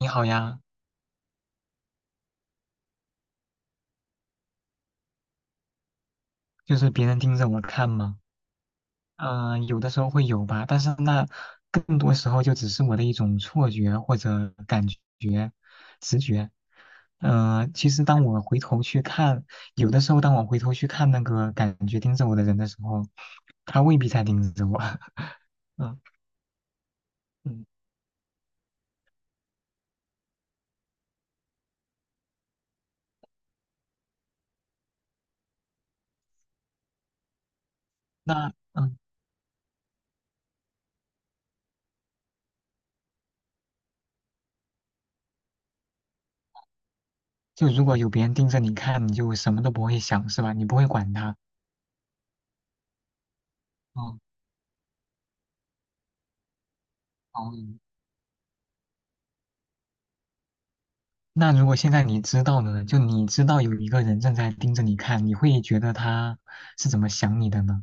你好呀。就是别人盯着我看吗？嗯、有的时候会有吧，但是那更多时候就只是我的一种错觉或者感觉、直觉。嗯，其实当我回头去看，有的时候当我回头去看那个感觉盯着我的人的时候，他未必在盯着我。嗯嗯，那就如果有别人盯着你看，你就什么都不会想，是吧？你不会管他。哦哦，嗯那如果现在你知道了呢，就你知道有一个人正在盯着你看，你会觉得他是怎么想你的呢？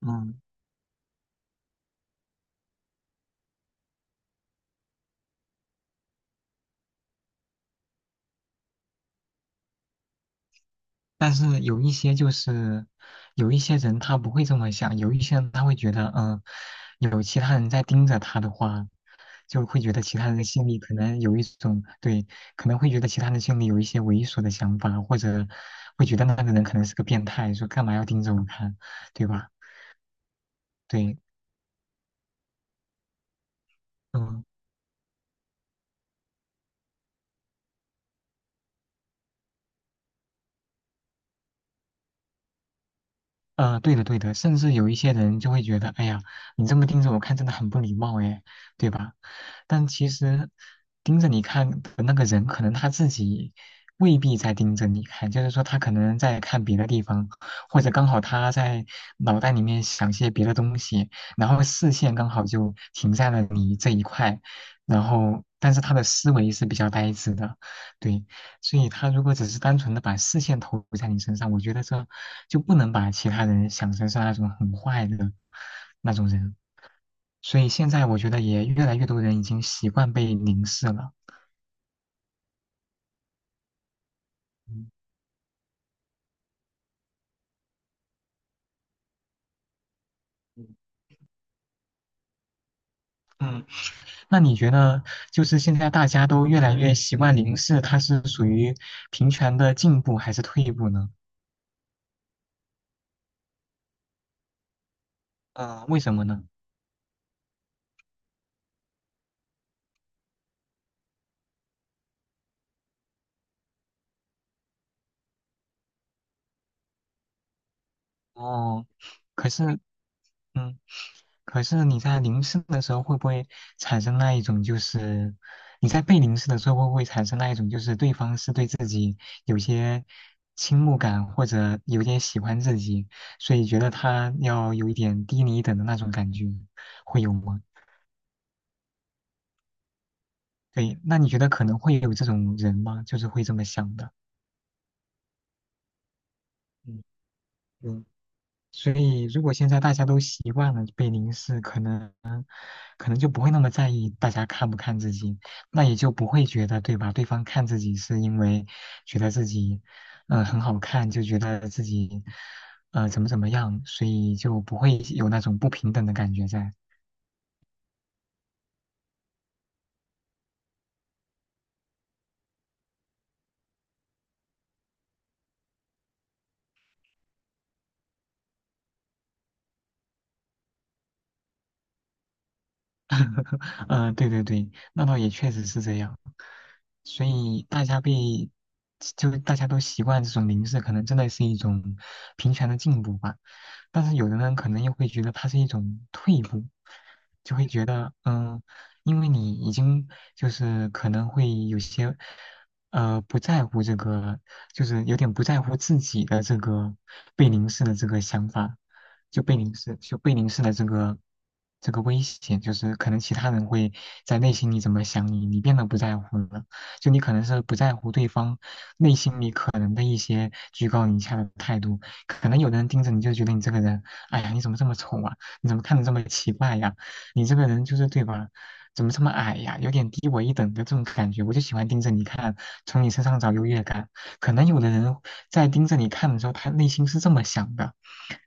嗯，但是有一些就是有一些人他不会这么想，有一些人他会觉得，有其他人在盯着他的话，就会觉得其他人心里可能有一种对，可能会觉得其他人心里有一些猥琐的想法，或者会觉得那个人可能是个变态，说干嘛要盯着我看，对吧？对。嗯。对的，对的，甚至有一些人就会觉得，哎呀，你这么盯着我看，真的很不礼貌，哎，对吧？但其实盯着你看的那个人，可能他自己未必在盯着你看，就是说他可能在看别的地方，或者刚好他在脑袋里面想些别的东西，然后视线刚好就停在了你这一块，然后但是他的思维是比较呆滞的，对，所以他如果只是单纯的把视线投在你身上，我觉得这就不能把其他人想成是那种很坏的那种人。所以现在我觉得也越来越多人已经习惯被凝视了。嗯嗯，那你觉得就是现在大家都越来越习惯凝视，它是属于平权的进步还是退步呢？嗯、为什么呢？哦，可是嗯。可是你在凝视的时候，会不会产生那一种就是你在被凝视的时候，会不会产生那一种就是对方是对自己有些倾慕感，或者有点喜欢自己，所以觉得他要有一点低你一等的那种感觉，会有吗？对，那你觉得可能会有这种人吗？就是会这么想的。嗯嗯，所以如果现在大家都习惯了被凝视，可能。可能就不会那么在意大家看不看自己，那也就不会觉得，对吧？对方看自己是因为觉得自己，嗯、很好看，就觉得自己，怎么怎么样，所以就不会有那种不平等的感觉在。嗯、对对对，那倒也确实是这样。所以大家被，就大家都习惯这种凝视，可能真的是一种平权的进步吧。但是有的人可能又会觉得它是一种退步，就会觉得，嗯，因为你已经就是可能会有些，不在乎这个，就是有点不在乎自己的这个被凝视的这个想法，就被凝视，就被凝视的这个。这个危险就是可能其他人会在内心里怎么想你，你变得不在乎了。就你可能是不在乎对方内心里可能的一些居高临下的态度，可能有的人盯着你就觉得你这个人，哎呀，你怎么这么丑啊？你怎么看的这么奇怪呀？你这个人就是对吧？怎么这么矮呀？有点低我一等的这种感觉，我就喜欢盯着你看，从你身上找优越感。可能有的人在盯着你看的时候，他内心是这么想的，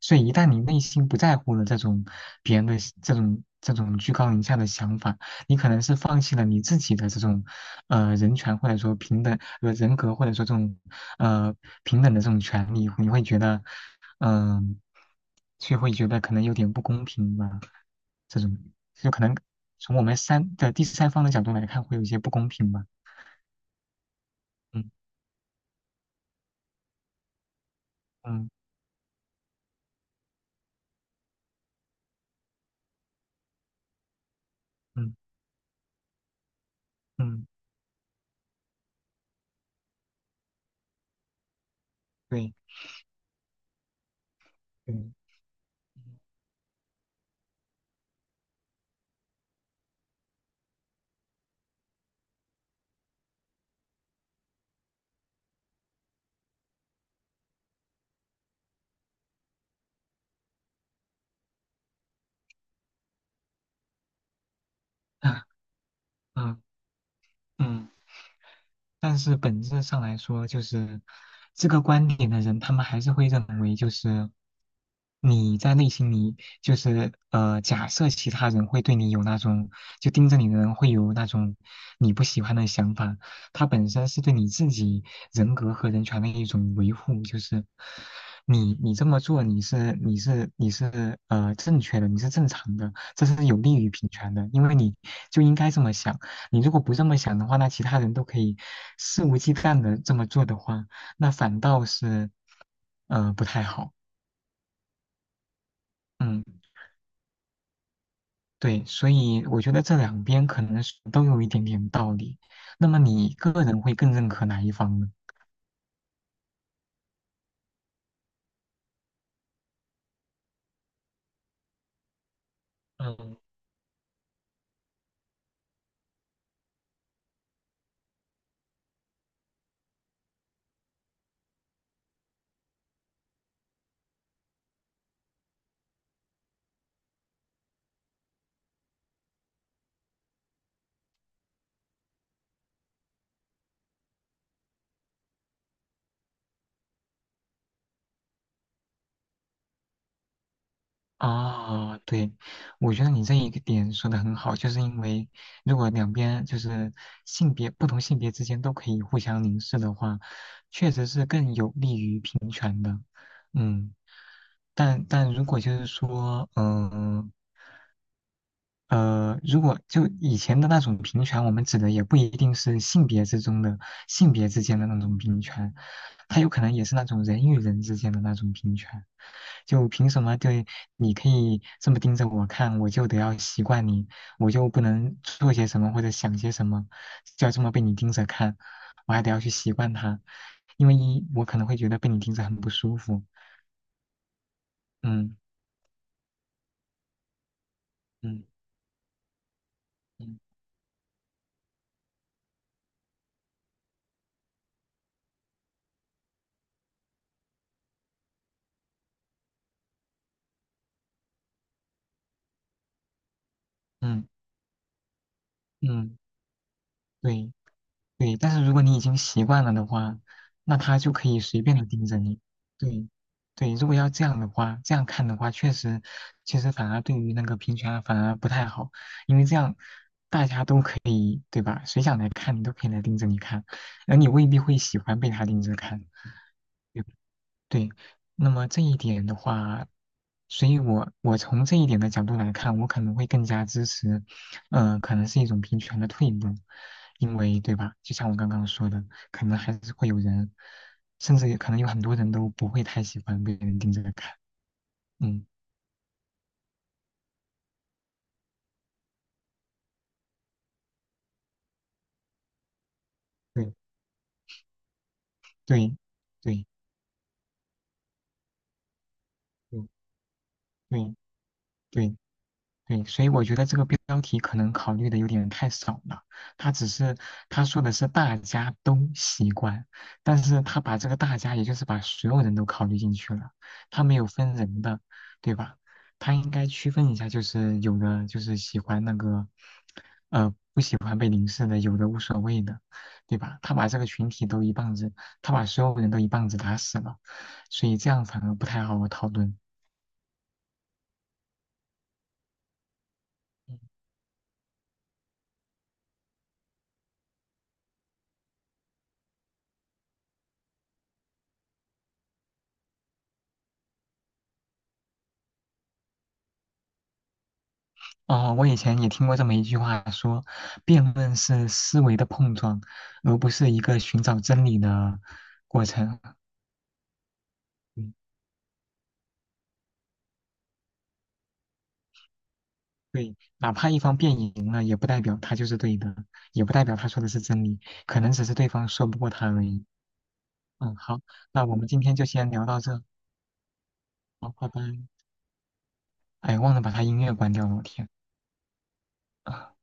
所以一旦你内心不在乎了这种别人的这种居高临下的想法，你可能是放弃了你自己的这种人权或者说平等人格或者说这种呃平等的这种权利，你会觉得嗯、就会觉得可能有点不公平吧？这种就可能从我们三的第三方的角度来看，会有一些不公平吧？嗯嗯嗯嗯，对对，啊嗯嗯。但是本质上来说，就是这个观点的人，他们还是会认为，就是你在内心里，就是,假设其他人会对你有那种，就盯着你的人会有那种你不喜欢的想法，它本身是对你自己人格和人权的一种维护，就是你这么做，你是正确的，你是正常的，这是有利于平权的，因为你就应该这么想。你如果不这么想的话，那其他人都可以肆无忌惮的这么做的话，那反倒是不太好。嗯，对，所以我觉得这两边可能是都有一点点道理。那么你个人会更认可哪一方呢？嗯啊，对，我觉得你这一个点说的很好，就是因为如果两边就是性别不同性别之间都可以互相凝视的话，确实是更有利于平权的。嗯。但但如果就是说，如果就以前的那种平权，我们指的也不一定是性别之中的性别之间的那种平权，它有可能也是那种人与人之间的那种平权。就凭什么对你可以这么盯着我看，我就得要习惯你，我就不能做些什么或者想些什么，就要这么被你盯着看，我还得要去习惯它，因为一我可能会觉得被你盯着很不舒服。嗯嗯嗯嗯。嗯，对对，但是如果你已经习惯了的话，那他就可以随便的盯着你。对对，如果要这样的话，这样看的话，确实，其实反而对于那个平权啊反而不太好，因为这样大家都可以，对吧？谁想来看你都可以来盯着你看，而你未必会喜欢被他盯着看。对，那么这一点的话，所以我从这一点的角度来看，我可能会更加支持，可能是一种平权的退步，因为对吧？就像我刚刚说的，可能还是会有人，甚至可能有很多人都不会太喜欢被人盯着看。嗯，对对对对对对，对，所以我觉得这个标题可能考虑的有点太少了。他只是他说的是大家都习惯，但是他把这个大家，也就是把所有人都考虑进去了，他没有分人的，对吧？他应该区分一下，就是有的就是喜欢那个，不喜欢被凝视的，有的无所谓的，对吧？他把这个群体都一棒子，他把所有人都一棒子打死了，所以这样反而不太好讨论。哦，我以前也听过这么一句话说，辩论是思维的碰撞，而不是一个寻找真理的过程。嗯，对，哪怕一方辩赢了，也不代表他就是对的，也不代表他说的是真理，可能只是对方说不过他而已。嗯，好，那我们今天就先聊到这，好，拜拜。哎，忘了把他音乐关掉了，我天。啊